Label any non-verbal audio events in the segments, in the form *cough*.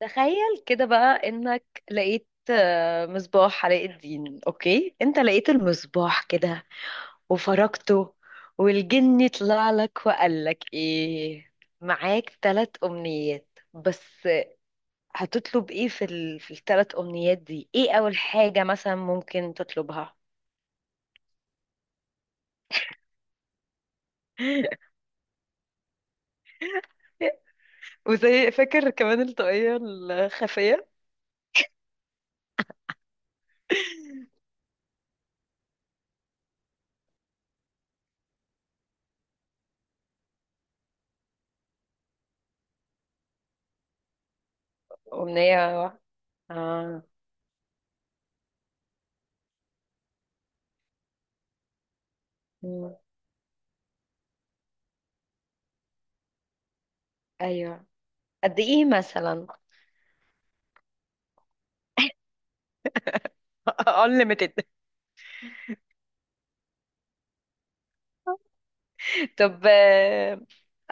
تخيل كده بقى انك لقيت مصباح علاء الدين. اوكي، انت لقيت المصباح كده وفركته، والجن طلع لك وقال لك ايه، معاك ثلاث امنيات بس. هتطلب ايه في الثلاث امنيات دي؟ ايه اول حاجة مثلا ممكن تطلبها؟ *laughs* وزي فاكر كمان الطاقية الخفية. *laughs* أمنية. اه. مم. ايوه. قد ايه مثلا؟ *laughs* unlimited. طب، آه،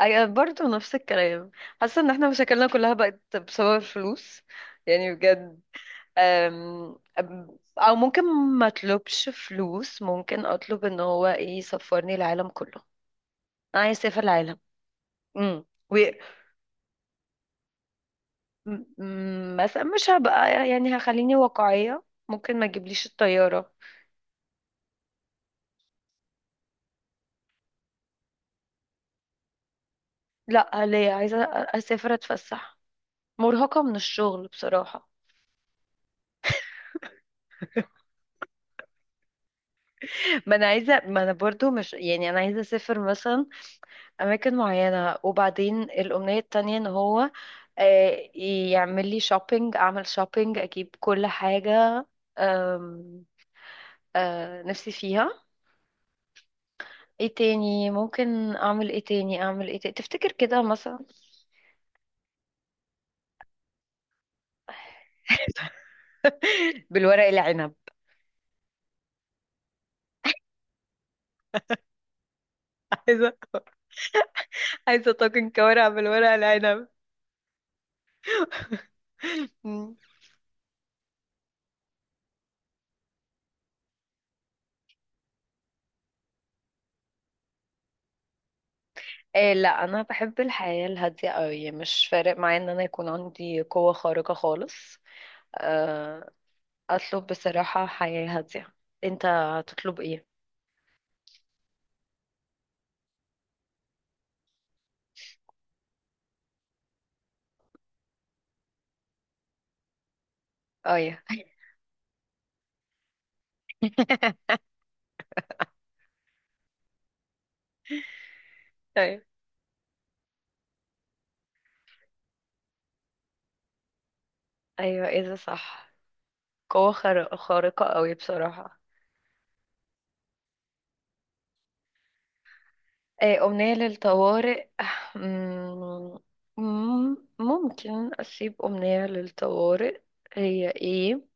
أي- برضه نفس الكلام. حاسه ان احنا مشاكلنا كلها بقت بسبب الفلوس، يعني بجد. أم... أم- او ممكن ما اطلبش فلوس، ممكن اطلب ان هو ايه، يسفرني العالم كله. انا عايز اسافر العالم. امم. و مثلا مش هبقى، يعني هخليني واقعيه، ممكن ما تجيبليش الطياره. لا، ليه، عايزه اسافر، اتفسح، مرهقه من الشغل بصراحه. ما انا عايزه، ما انا برضو مش، يعني انا عايزه اسافر مثلا اماكن معينة. وبعدين الامنية التانية ان هو آه، يعمل لي شوبينج، اعمل شوبينج اجيب كل حاجة آم، آه، نفسي فيها. ايه تاني ممكن اعمل؟ ايه تاني اعمل؟ ايه تاني تفتكر كده مثلا؟ *laughs* بالورق العنب. عايزة، عايزة طاجن كوارع بالورق العنب. *laughs* مم. إيه؟ لا، انا بحب الحياه الهاديه قوي، مش فارق معايا ان انا يكون عندي قوه خارقه خالص. آه، اطلب بصراحة حياة هادية. انت هتطلب ايه؟ ايوه. *laughs* ايوه، ايوه ايه ده، صح. قوة خارقة قوي بصراحة. ايه، امنية للطوارئ؟ مم، ممكن اسيب امنية للطوارئ. هي ايه؟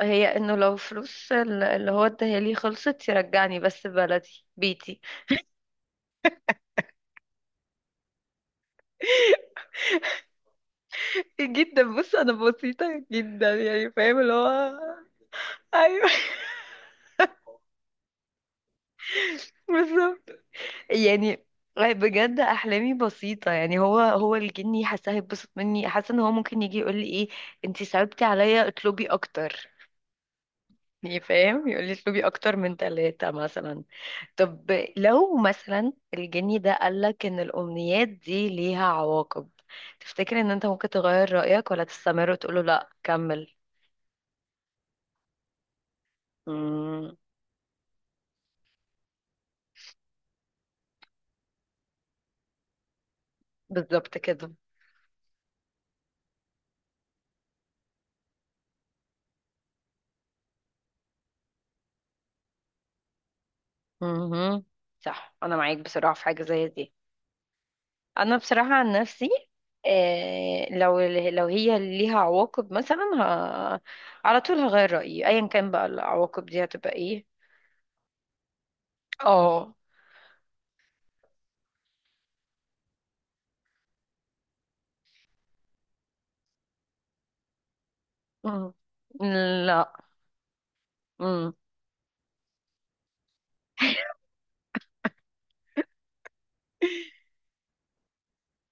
هي انه لو فلوس اللي هو اداها لي خلصت، يرجعني بس بلدي، بيتي. *laughs* جدا. بص، انا بسيطة جدا، يعني فاهم اللي هو. ايوه، *laughs* بالظبط يعني. بجد احلامي بسيطه، يعني هو الجني حاسه هيتبسط مني، حاسه ان هو ممكن يجي يقول لي ايه، انتي صعبتي عليا اطلبي اكتر. يعني فاهم، يقول لي اطلبي اكتر من ثلاثه مثلا. طب، لو مثلا الجني ده قال لك ان الامنيات دي ليها عواقب، تفتكر ان انت ممكن تغير رايك، ولا تستمر وتقول له لا كمل؟ مم، بالظبط كده. مهم. صح، انا معاك بصراحه في حاجه زي دي. انا بصراحة عن نفسي، لو هي ليها عواقب مثلا، على طول هغير رأيي ايا كان بقى العواقب دي هتبقى ايه. اه. مم. لا. مم.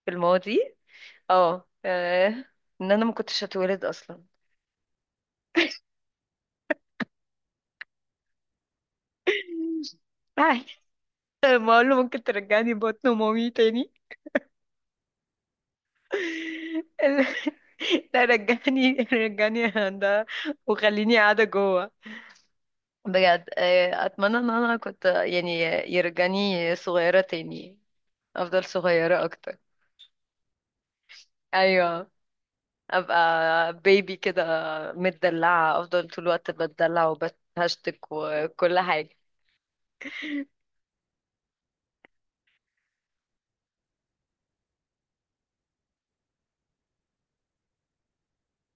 في الماضي. اه، ان انا ما كنتش هتولد اصلا. *laughs* عادي. ما اقول له ممكن ترجعني بطن مامي تاني. *laughs* لا، رجعني رجعني يا هندسة، وخليني قاعدة جوه. بجد، اتمنى ان انا كنت، يعني يرجعني صغيرة تاني، افضل صغيرة اكتر. ايوه، ابقى بيبي كده، متدلعة، افضل طول الوقت بتدلع وبتهشتك وكل حاجة.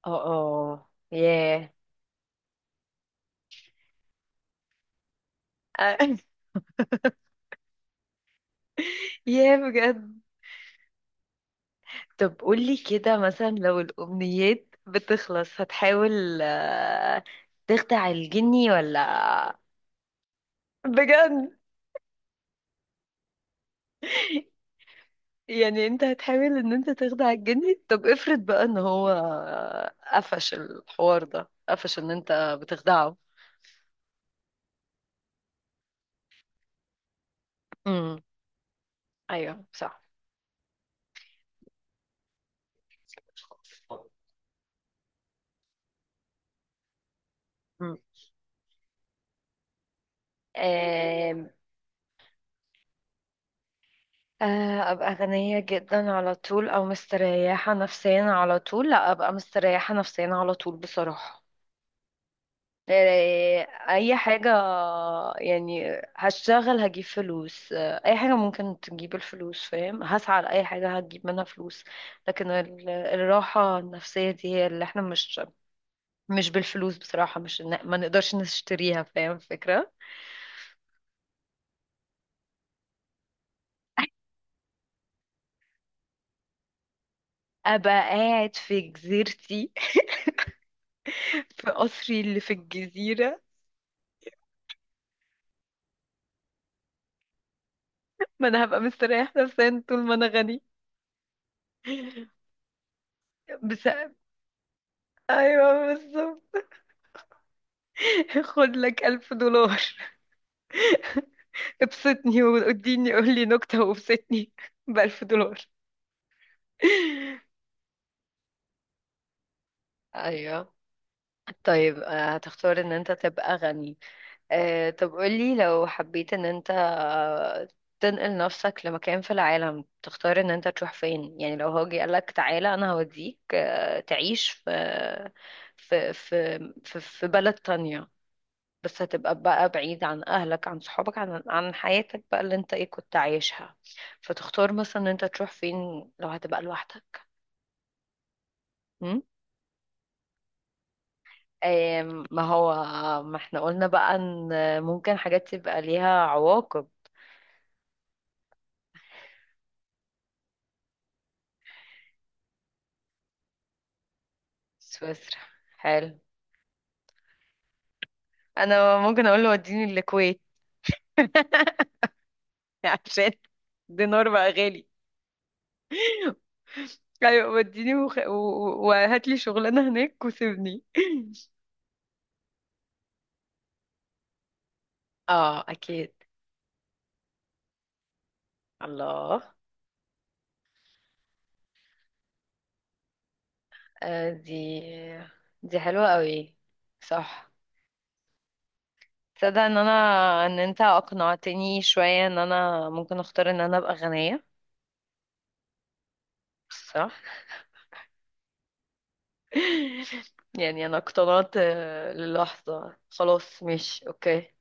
اه اه، ياه. *laughs* آه، ياه، بجد. طب قولي كده، مثلا لو الامنيات بتخلص، هتحاول تخدع الجني ولا؟ بجد؟ يعني انت هتحاول ان انت تخدع الجني. طب افرض بقى ان هو قفش الحوار ده، قفش ان انت بتخدعه. امم. ايوه صح. مم. آم، آه، ابقى غنية جدا على طول، او مستريحة نفسيا على طول؟ لا، ابقى مستريحة نفسيا على طول بصراحة. اي حاجة، يعني هشتغل، هجيب فلوس، اي حاجة ممكن تجيب الفلوس، فاهم؟ هسعى لأي حاجة هتجيب منها فلوس. لكن الراحة النفسية دي هي اللي احنا مش، مش بالفلوس بصراحة، مش إن- ما نقدرش نشتريها، فاهم الفكرة. ابقى قاعد في جزيرتي، *laughs* في قصري اللي في الجزيرة. ما انا هبقى مستريح نفسيا طول ما انا غني. بس. ايوه، بالظبط. *laughs* خد لك ألف دولار. *laughs* ابسطني، واديني قولي نكتة وابسطني، *laughs* بألف دولار. ايوه. طيب، هتختار ان انت تبقى غني. أه طب قولي، لو حبيت ان انت تنقل نفسك لمكان في العالم، تختار ان انت تروح فين؟ يعني لو هو جه قالك تعالى انا هوديك تعيش في في بلد تانية، بس هتبقى بقى بعيد عن أهلك، عن صحابك، عن عن حياتك بقى اللي انت ايه كنت عايشها، فتختار مثلا ان انت تروح فين لو هتبقى لوحدك؟ م? آم، ما هو، ما احنا قلنا بقى ان ممكن حاجات تبقى ليها عواقب. سويسرا. حلو. انا ممكن اقول له وديني الكويت، *laughs* عشان دينار بقى غالي. ايوه، وديني وهات لي شغلانه هناك وسيبني. اه اكيد. الله. آه، دي دي حلوة قوي. صح. تصدق ان انا، ان انت اقنعتني شوية ان انا ممكن اختار ان انا ابقى غنية. صح. *laughs* يعني انا اقتنعت للحظة. خلاص مش اوكي.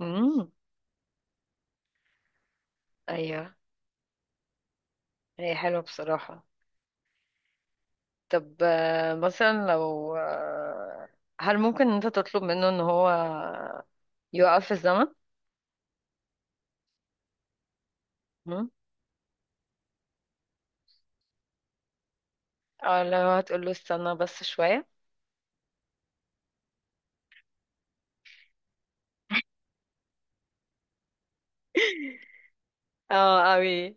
امم. ايوه، هي حلوة بصراحة. طب آه، مثلا لو آه، هل ممكن ان انت تطلب منه ان هو يوقف الزمن؟ مم؟ او لو هتقول له استنى بس شوية. *laughs* اه، اوي.